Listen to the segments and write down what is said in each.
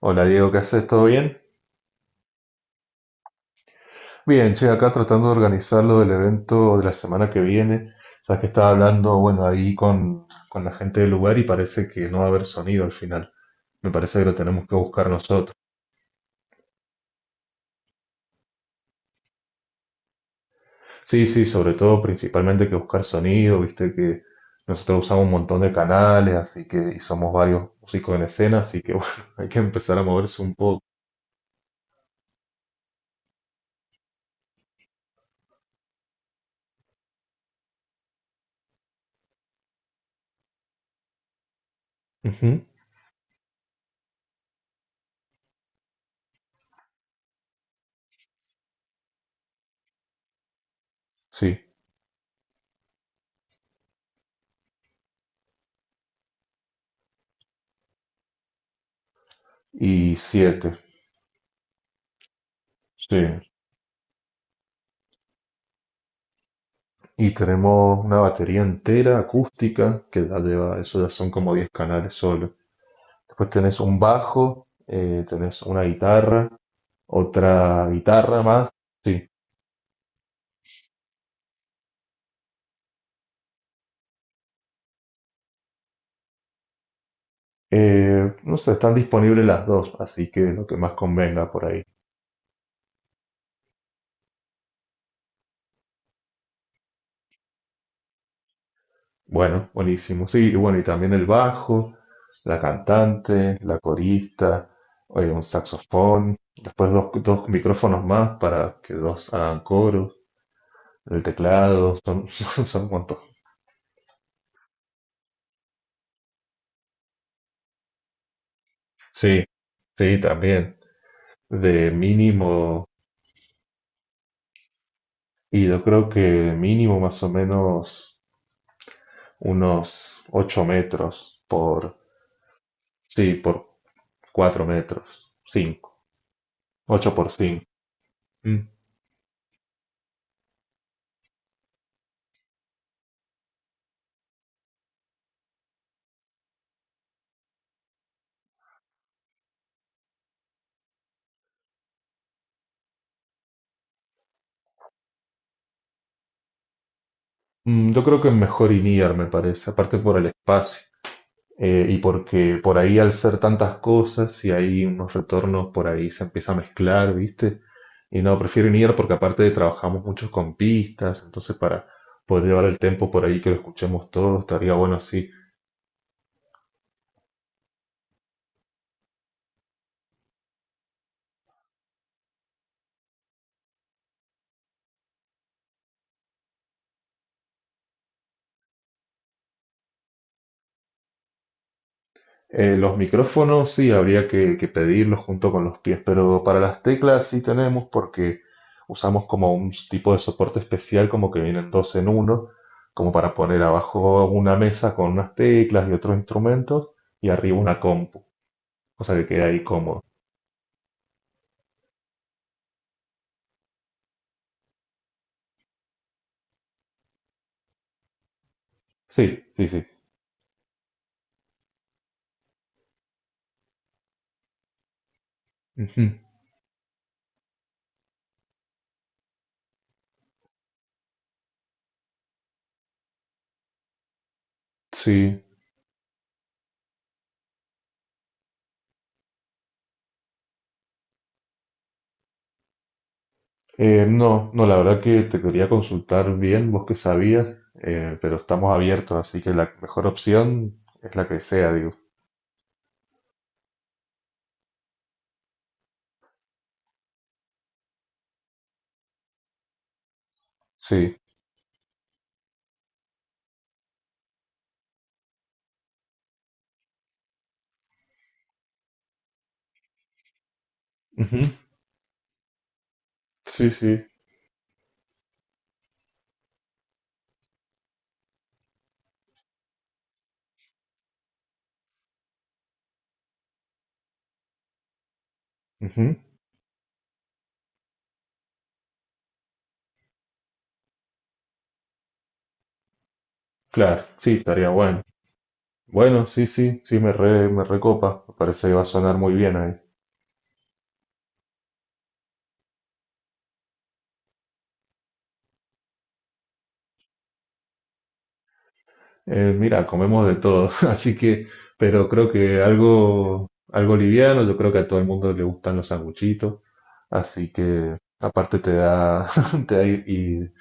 Hola Diego, ¿qué haces? ¿Todo bien? Bien, che, acá tratando de organizar lo del evento de la semana que viene. Sabes que estaba hablando, bueno, ahí con la gente del lugar y parece que no va a haber sonido al final. Me parece que lo tenemos que buscar nosotros. Sí, sí, sobre todo, principalmente que buscar sonido, viste que nosotros usamos un montón de canales, así que, y somos varios músicos en escena, así que bueno, hay que empezar a moverse un poco. Ujú. Sí, y siete. Sí, y tenemos una batería entera acústica, que ya lleva, eso ya son como 10 canales solo. Después tenés un bajo, tenés una guitarra, otra guitarra más, sí. No sé, están disponibles las dos, así que lo que más convenga por ahí. Bueno, buenísimo. Sí, y bueno, y también el bajo, la cantante, la corista, un saxofón, después dos micrófonos más para que dos hagan coros, el teclado, son, son Sí, sí, también. De mínimo, y yo creo que mínimo más o menos unos 8 metros por, sí, por 4 metros, 5, 8 por 5. Mm, yo creo que es mejor INIAR, me parece, aparte por el espacio. Y porque por ahí al ser tantas cosas y hay unos retornos por ahí se empieza a mezclar, ¿viste? Y no, prefiero ir porque aparte trabajamos muchos con pistas, entonces para poder llevar el tempo por ahí que lo escuchemos todos, estaría bueno así. Los micrófonos sí habría que pedirlos junto con los pies, pero para las teclas sí tenemos porque usamos como un tipo de soporte especial, como que vienen dos en uno, como para poner abajo una mesa con unas teclas y otros instrumentos y arriba una compu. O sea que queda ahí cómodo. Sí, sí, sí. Ujú. Sí. No, no, la verdad que te quería consultar bien, vos que sabías, pero estamos abiertos, así que la mejor opción es la que sea, digo. Sí. Ujú. Sí, sí. Ujú. Claro, sí, estaría bueno. Bueno, sí, sí, sí, me recopa. Me parece que va a sonar muy bien ahí. Mira, comemos de todo, así que, pero creo que algo liviano, yo creo que a todo el mundo le gustan los sanguchitos, así que aparte te da, te da y,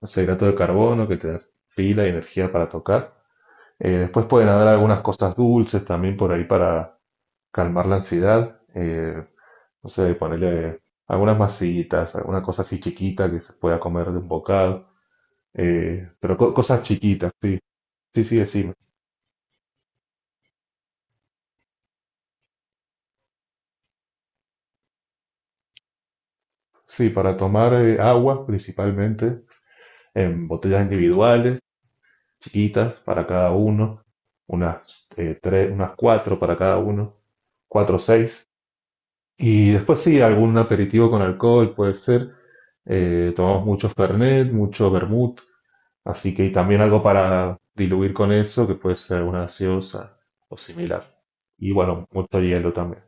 no sé, hidrato de carbono que te da pila y energía para tocar. Después pueden haber algunas cosas dulces también por ahí para calmar la ansiedad, no sé, ponerle algunas masitas, alguna cosa así chiquita que se pueda comer de un bocado, pero cosas chiquitas, sí, sí, sí, sí, sí, para tomar agua principalmente en botellas individuales, chiquitas para cada uno, unas tres, unas cuatro para cada uno, cuatro o seis. Y después sí, algún aperitivo con alcohol puede ser. Tomamos mucho Fernet, mucho vermut, así que y también algo para diluir con eso, que puede ser alguna gaseosa o similar. Y bueno, mucho hielo también.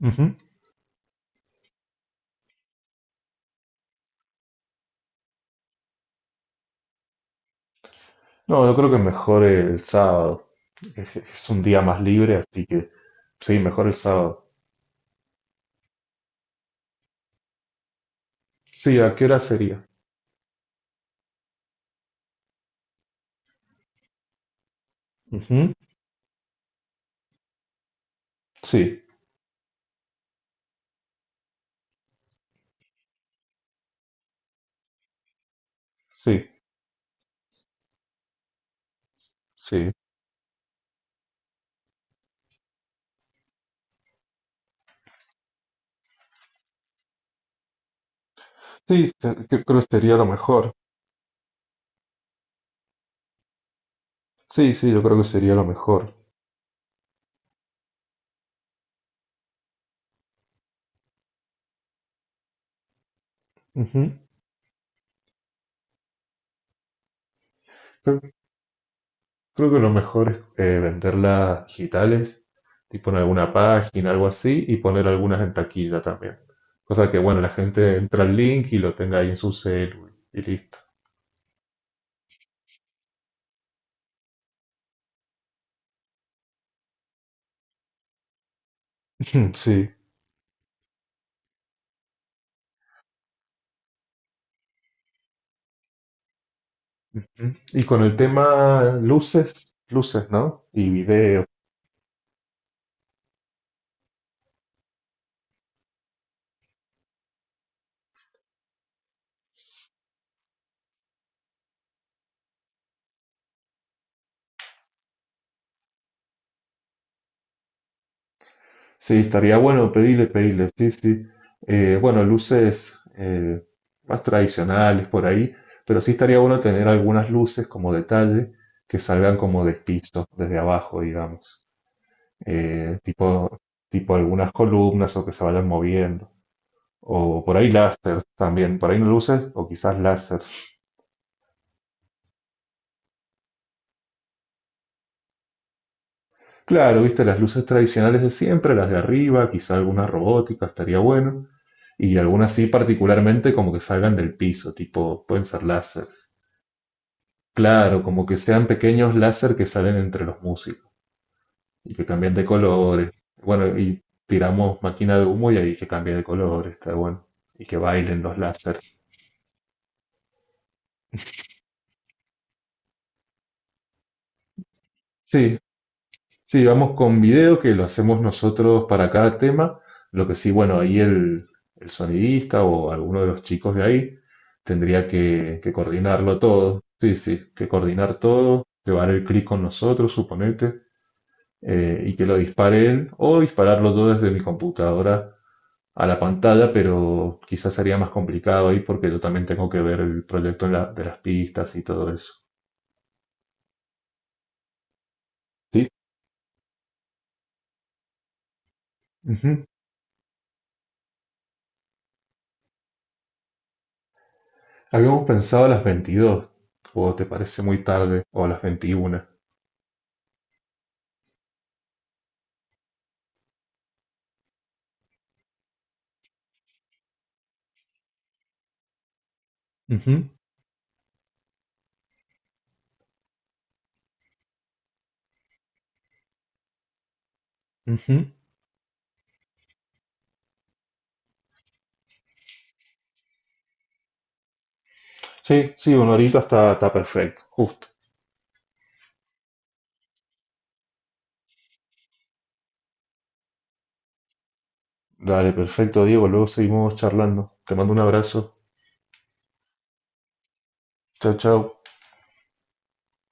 Ujú. No, yo creo que mejor el sábado. Es un día más libre, así que sí, mejor el sábado. Sí, ¿a qué hora sería? Ujú. Sí, sí, sí. Sí, yo creo que sería lo mejor. Sí, sí, yo creo que sería lo mejor. Ujú. Creo, creo que lo mejor es venderlas digitales, tipo en alguna página, algo así, y poner algunas en taquilla también. Cosa que, bueno, la gente entra al link y lo tenga ahí en su celu y listo. Ujú. Sí. Ujú. Y con el tema luces, luces, ¿no? Y video. Sí, estaría bueno pedirle, sí, sí. Bueno, luces más tradicionales por ahí, pero sí estaría bueno tener algunas luces como detalle que salgan como de piso, desde abajo, digamos. Eh, tipo, tipo algunas columnas o que se vayan moviendo. O por ahí láser también, por ahí no luces o quizás láser. Claro, viste, las luces tradicionales de siempre, las de arriba, quizá alguna robótica, estaría bueno. Y algunas sí, particularmente como que salgan del piso, tipo, pueden ser láseres. Claro, como que sean pequeños láser que salen entre los músicos y que cambien de colores. Bueno, y tiramos máquina de humo y ahí que cambie de color, está bueno. Y que bailen los láseres. Sí, sí, vamos con video que lo hacemos nosotros para cada tema. Lo que sí, bueno, ahí el sonidista o alguno de los chicos de ahí tendría que coordinarlo todo. Sí, sí, que coordinar todo, llevar el clic con nosotros, suponete, y que lo dispare él, o dispararlo yo desde mi computadora a la pantalla, pero quizás sería más complicado ahí porque yo también tengo que ver el proyecto de las pistas y todo eso. Sí. Ujú. Habíamos pensado a las 22, o te parece muy tarde, o a las 21. Ujú, ujú. Sí, sí, una horita está perfecto, justo. Dale, perfecto, Diego. Luego seguimos charlando. Te mando un abrazo. Chao, chao.